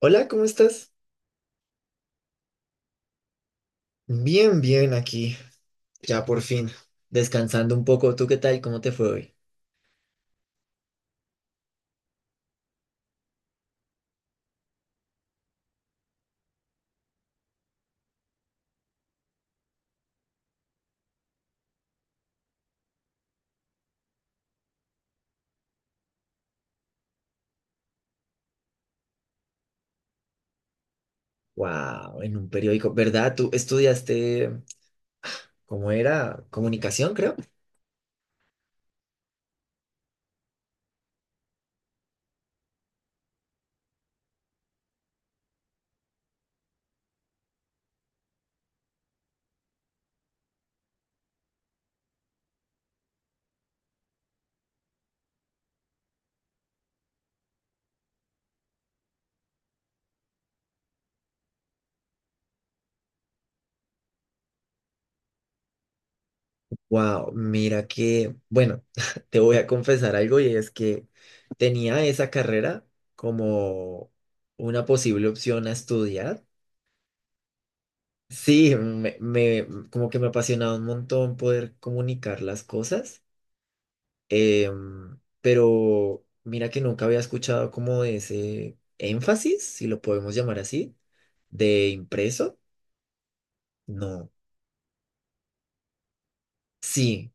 Hola, ¿cómo estás? Bien, bien aquí, ya por fin, descansando un poco. ¿Tú qué tal? ¿Cómo te fue hoy? Wow, en un periódico, ¿verdad? ¿Tú estudiaste, cómo era? Comunicación, creo. Wow, mira que, bueno, te voy a confesar algo y es que tenía esa carrera como una posible opción a estudiar. Sí, como que me apasionaba un montón poder comunicar las cosas, pero mira que nunca había escuchado como de ese énfasis, si lo podemos llamar así, de impreso. No, sí,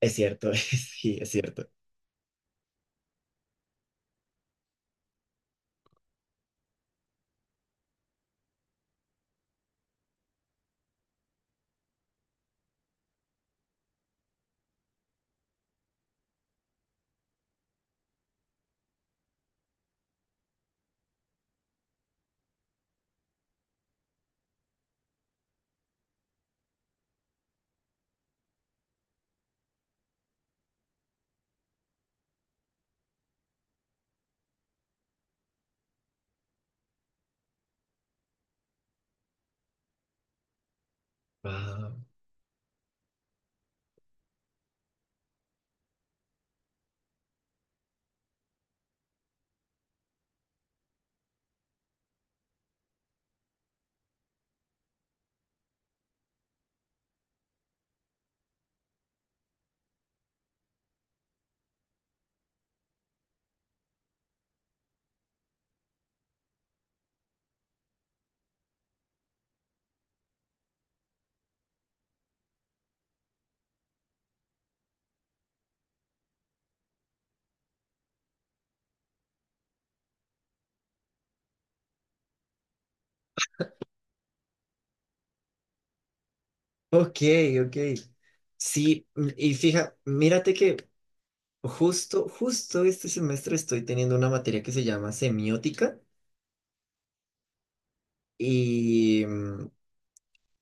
es cierto, sí, es cierto. Ah, ok, ok. Sí, y fija, mírate que justo este semestre estoy teniendo una materia que se llama semiótica y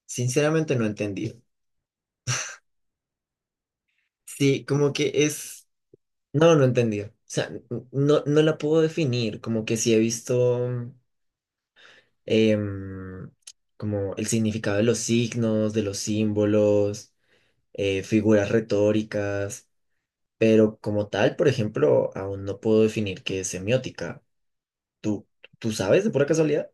sinceramente no entendí. Sí, como que es, no entendí. O sea, no la puedo definir, como que sí he visto em, como el significado de los signos, de los símbolos, figuras retóricas, pero como tal, por ejemplo, aún no puedo definir qué es semiótica. ¿Tú, ¿tú sabes de pura casualidad?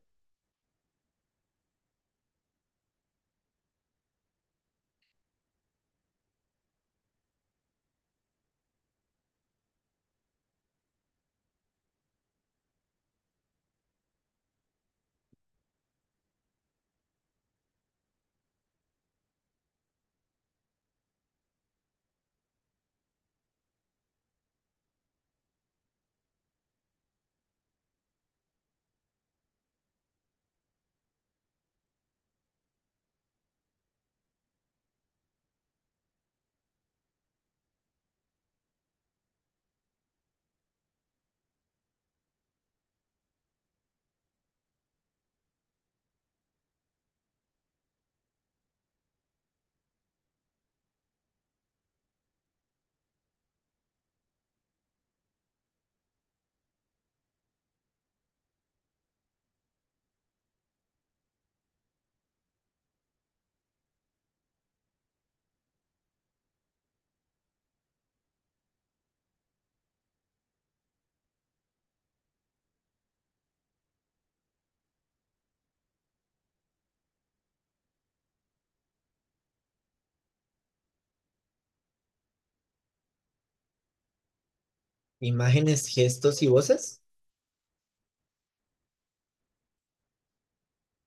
Imágenes, gestos y voces.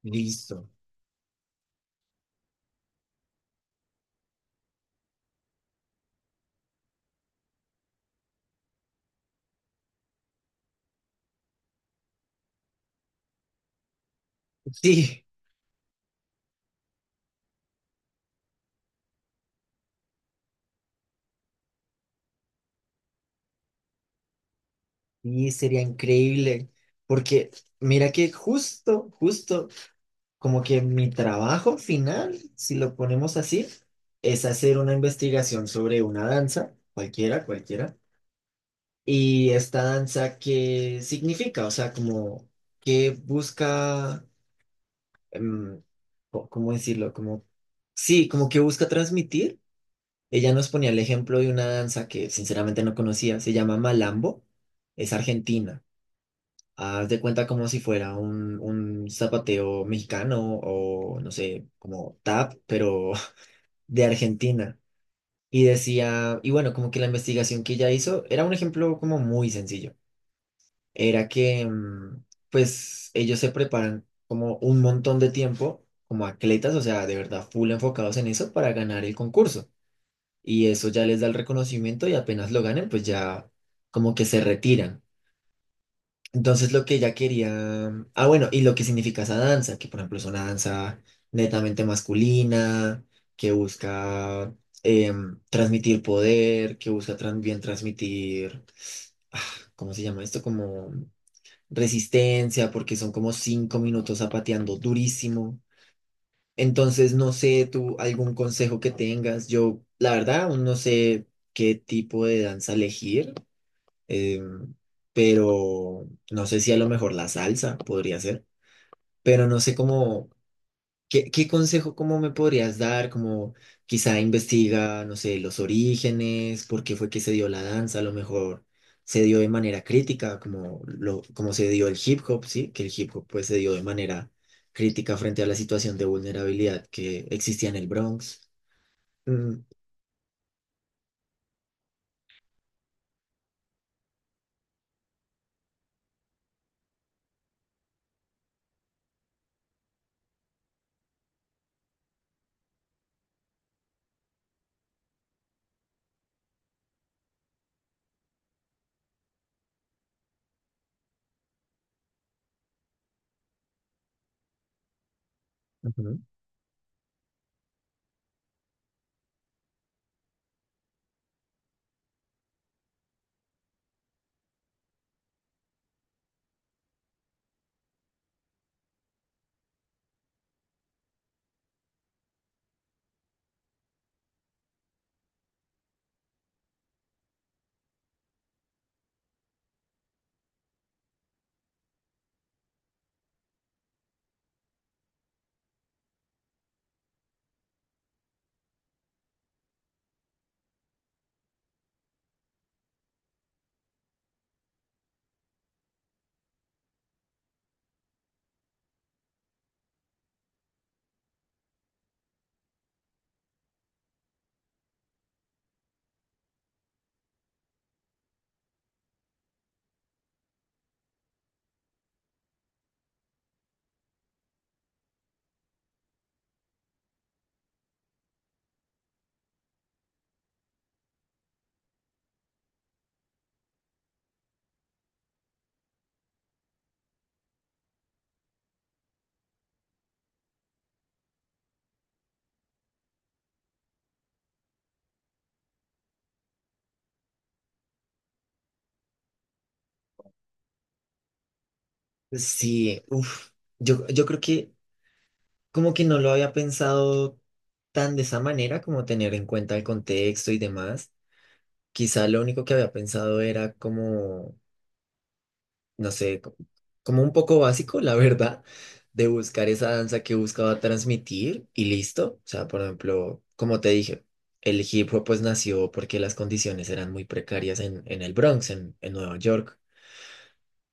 Listo. Sí, sí, sería increíble. Porque mira que como que mi trabajo final, si lo ponemos así, es hacer una investigación sobre una danza, cualquiera, cualquiera. Y esta danza, ¿qué significa? O sea, como, ¿qué busca, em, cómo decirlo? Como, sí, como que busca transmitir. Ella nos ponía el ejemplo de una danza que sinceramente no conocía, se llama Malambo, es argentina. Haz de cuenta como si fuera un zapateo mexicano o no sé, como tap, pero de Argentina. Y decía, y bueno, como que la investigación que ella hizo era un ejemplo como muy sencillo. Era que pues ellos se preparan como un montón de tiempo como atletas, o sea, de verdad, full enfocados en eso para ganar el concurso. Y eso ya les da el reconocimiento y apenas lo ganen, pues ya como que se retiran. Entonces lo que ella quería, y lo que significa esa danza, que por ejemplo es una danza netamente masculina, que busca transmitir poder, que busca también transmitir, ah, ¿cómo se llama esto? Como resistencia, porque son como 5 minutos zapateando durísimo. Entonces, no sé tú algún consejo que tengas. Yo, la verdad, aún no sé qué tipo de danza elegir, em, pero no sé si a lo mejor la salsa podría ser, pero no sé cómo. ¿Qué consejo cómo me podrías dar? Como quizá investiga, no sé, los orígenes, por qué fue que se dio la danza, a lo mejor se dio de manera crítica, como se dio el hip hop, ¿sí? Que el hip hop pues se dio de manera crítica frente a la situación de vulnerabilidad que existía en el Bronx. Mm, ujú. Sí, uf, yo creo que como que no lo había pensado tan de esa manera, como tener en cuenta el contexto y demás. Quizá lo único que había pensado era como no sé, como un poco básico, la verdad, de buscar esa danza que buscaba transmitir y listo. O sea, por ejemplo, como te dije, el hip hop pues nació porque las condiciones eran muy precarias en el Bronx, en Nueva York.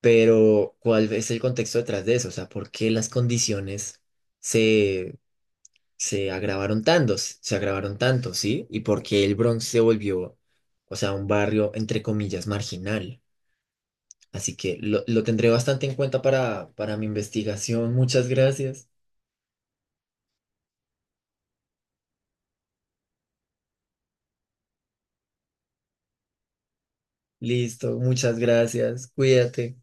Pero, ¿cuál es el contexto detrás de eso? O sea, ¿por qué las condiciones se, se agravaron tanto, ¿sí? ¿Y por qué el Bronx se volvió, o sea, un barrio, entre comillas, marginal? Así que lo tendré bastante en cuenta para mi investigación. Muchas gracias. Listo, muchas gracias. Cuídate.